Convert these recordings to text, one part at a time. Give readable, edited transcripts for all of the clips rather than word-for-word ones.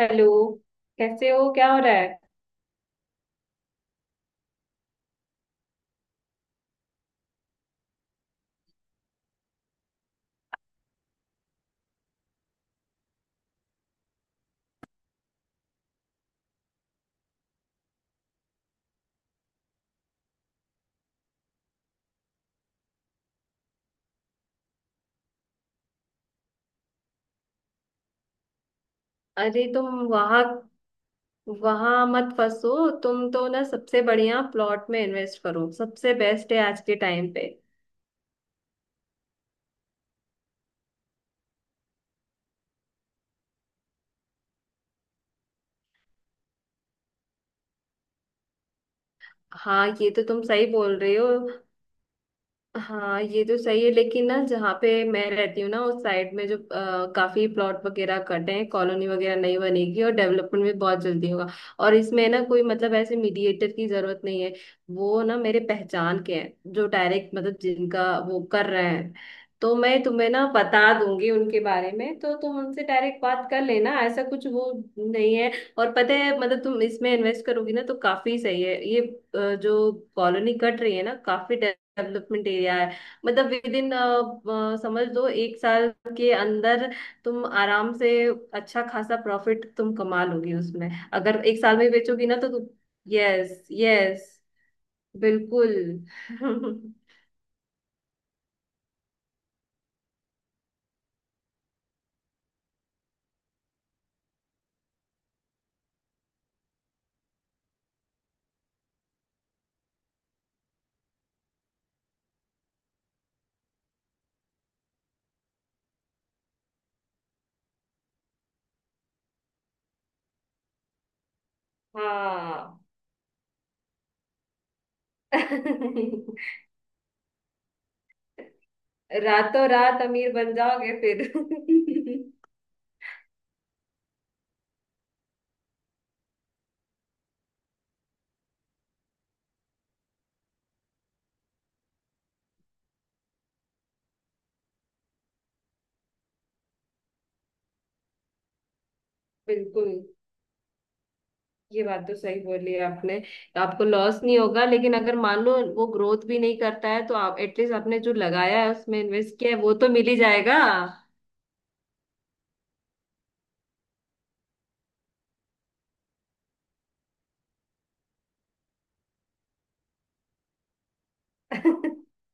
Hello. कैसे हो? क्या हो रहा है? अरे, तुम वहां वहां मत फंसो। तुम तो ना सबसे बढ़िया प्लॉट में इन्वेस्ट करो, सबसे बेस्ट है आज के टाइम पे। हाँ, ये तो तुम सही बोल रहे हो। हाँ, ये तो सही है, लेकिन ना जहाँ पे मैं रहती हूँ ना, उस साइड में जो काफी प्लॉट वगैरह कटे हैं, कॉलोनी वगैरह नहीं बनेगी, और डेवलपमेंट भी बहुत जल्दी होगा। और इसमें ना कोई मतलब ऐसे मीडिएटर की जरूरत नहीं है। वो ना मेरे पहचान के हैं, जो डायरेक्ट मतलब जिनका वो कर रहे हैं। तो मैं तुम्हें ना बता दूंगी उनके बारे में, तो तुम उनसे डायरेक्ट बात कर लेना, ऐसा कुछ वो नहीं है। और पता है, मतलब तुम इसमें इन्वेस्ट करोगी ना तो काफी सही है। ये जो कॉलोनी कट रही है ना, काफी डेवलपमेंट एरिया है। मतलब विद इन, समझ लो एक साल के अंदर तुम आराम से अच्छा खासा प्रॉफिट तुम कमा लोगी उसमें। अगर एक साल में बेचोगी ना तो तुम, यस यस। बिल्कुल। हाँ। रातों रात अमीर बन जाओगे फिर। बिल्कुल। ये बात तो सही बोली है आपने। आपको लॉस नहीं होगा, लेकिन अगर मान लो वो ग्रोथ भी नहीं करता है, तो आप एटलीस्ट आपने जो लगाया है, उसमें इन्वेस्ट किया है, वो तो मिल ही जाएगा।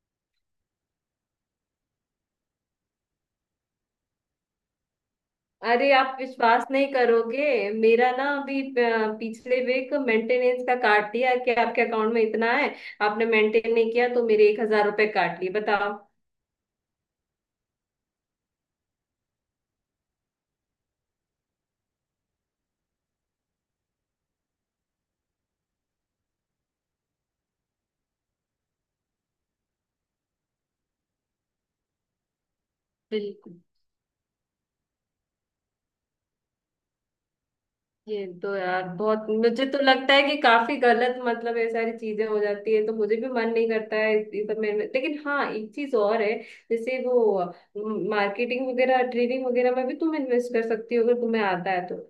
अरे, आप विश्वास नहीं करोगे मेरा ना, अभी पिछले वीक मेंटेनेंस का काट दिया कि आपके अकाउंट में इतना है, आपने मेंटेन नहीं किया, तो मेरे 1,000 रुपए काट लिए बताओ। बिल्कुल। ये तो यार बहुत, मुझे तो लगता है कि काफी गलत मतलब ये सारी चीजें हो जाती है, तो मुझे भी मन नहीं करता है इस सब में लेकिन हाँ एक चीज और है। जैसे वो मार्केटिंग वगैरह, ट्रेडिंग वगैरह में भी तुम इन्वेस्ट कर सकती हो अगर तुम्हें आता है तो।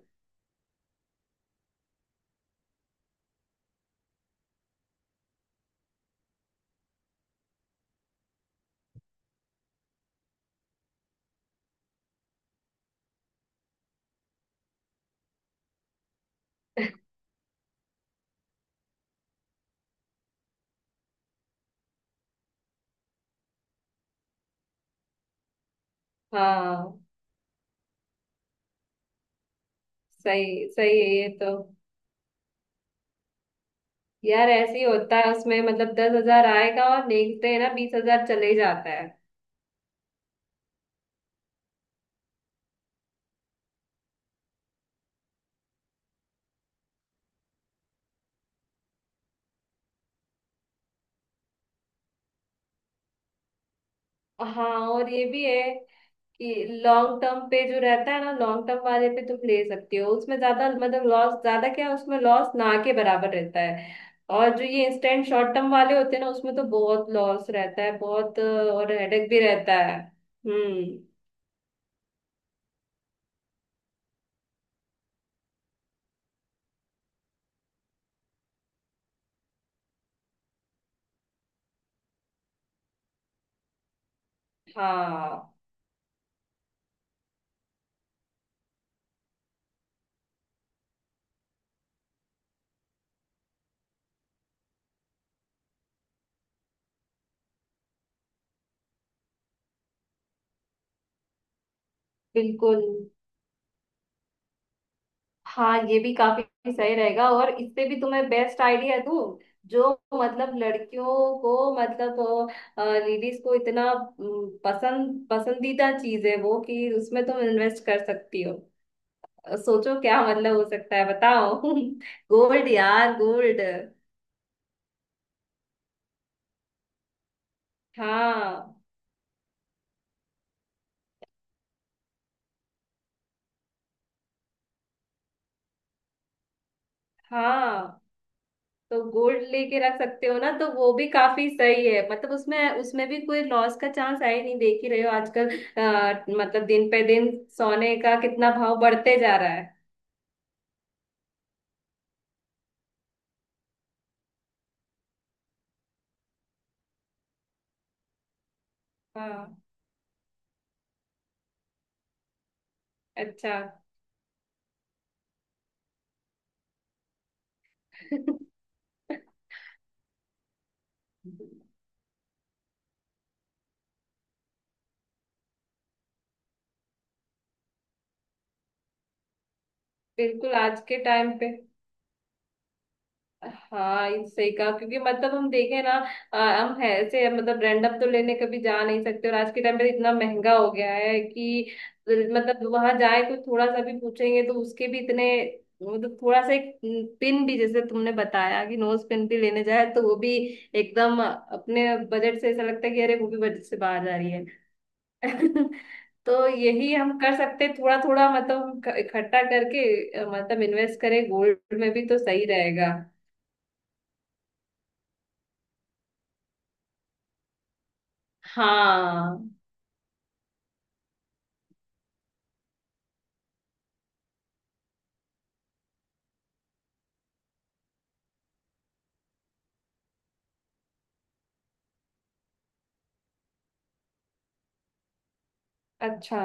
हाँ। सही सही है ये तो। यार ऐसे ही होता है उसमें, मतलब 10,000 आएगा और देखते हैं ना 20,000 चले जाता है। हाँ, और ये भी है। लॉन्ग टर्म पे जो रहता है ना, लॉन्ग टर्म वाले पे तुम ले सकती हो, उसमें ज्यादा मतलब लॉस ज्यादा क्या, उसमें लॉस ना के बराबर रहता है। और जो ये इंस्टेंट शॉर्ट टर्म वाले होते हैं ना, उसमें तो बहुत लॉस रहता है, बहुत और हेडेक भी रहता है। हम्म। हाँ। बिल्कुल। हाँ, ये भी काफी सही रहेगा। और इससे भी तुम्हें बेस्ट आइडिया दूँ। जो मतलब लड़कियों को, मतलब लेडीज को इतना पसंद, पसंदीदा चीज है वो, कि उसमें तुम इन्वेस्ट कर सकती हो। सोचो क्या मतलब हो सकता है, बताओ। गोल्ड यार, गोल्ड। हाँ हाँ। तो गोल्ड लेके रख सकते हो ना, तो वो भी काफी सही है। मतलब उसमें उसमें भी कोई लॉस का चांस है ही नहीं। देख ही रहे हो आजकल, मतलब दिन पे दिन सोने का कितना भाव बढ़ते जा रहा है। हाँ। अच्छा। बिल्कुल। आज के टाइम पे हाँ, ये सही कहा, क्योंकि मतलब हम देखें ना, हम है ऐसे, मतलब रैंडम तो लेने कभी जा नहीं सकते, और आज के टाइम पे इतना महंगा हो गया है कि मतलब वहां जाए तो थोड़ा सा भी पूछेंगे तो उसके भी इतने, मतलब थोड़ा सा एक पिन भी, जैसे तुमने बताया कि नोज पिन भी लेने जाए, तो वो भी एकदम अपने बजट से, ऐसा लगता है कि अरे, वो भी बजट से बाहर जा रही है। तो यही हम कर सकते हैं, थोड़ा थोड़ा मतलब हम इकट्ठा करके मतलब इन्वेस्ट करें गोल्ड में भी तो सही रहेगा। हाँ। अच्छा।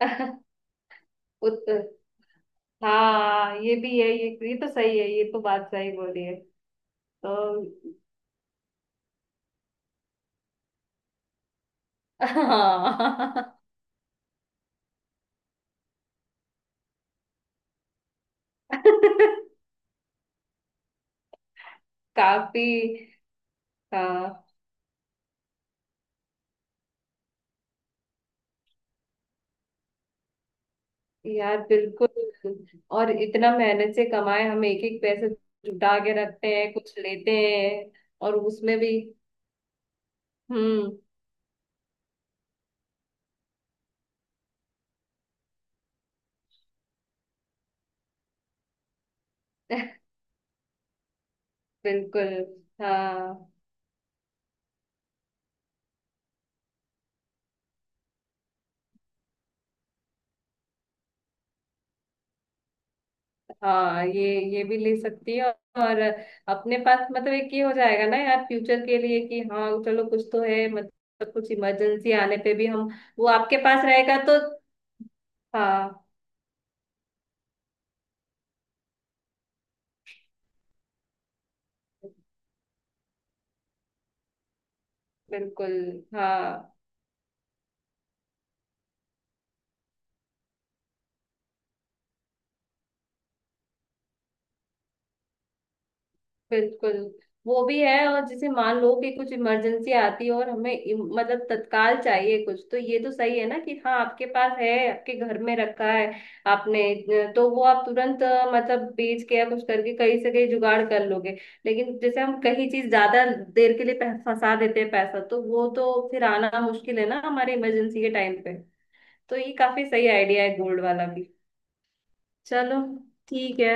उत्तर। हाँ, ये भी है। ये तो सही है, ये तो बात सही बोली है तो। हाँ। काफी। हाँ यार, बिल्कुल। और इतना मेहनत से कमाए हम एक एक पैसे जुटा के रखते हैं, कुछ लेते हैं, और उसमें भी। हम्म। बिल्कुल। हाँ हाँ। ये भी ले सकती है। और अपने पास मतलब एक ये हो जाएगा ना यार फ्यूचर के लिए कि हाँ चलो, कुछ तो है, मतलब कुछ इमरजेंसी आने पे भी हम, वो आपके पास रहेगा तो। हाँ, बिल्कुल। हाँ बिल्कुल। वो भी है। और जैसे मान लो कि कुछ इमरजेंसी आती है और हमें मतलब तत्काल चाहिए कुछ, तो ये तो सही है ना कि हाँ आपके पास है, आपके घर में रखा है आपने, तो वो आप तुरंत मतलब बेच के या कुछ करके कहीं से कहीं जुगाड़ कर लोगे। लेकिन जैसे हम कहीं चीज ज्यादा देर के लिए फंसा देते हैं पैसा, तो वो तो फिर आना मुश्किल है ना हमारे इमरजेंसी के टाइम पे। तो ये काफी सही आइडिया है गोल्ड वाला भी। चलो ठीक है।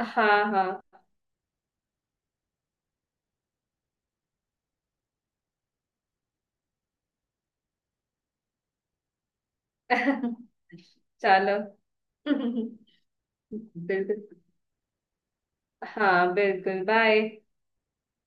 हाँ हाँ। चलो। बिल्कुल। हाँ बिल्कुल। बाय।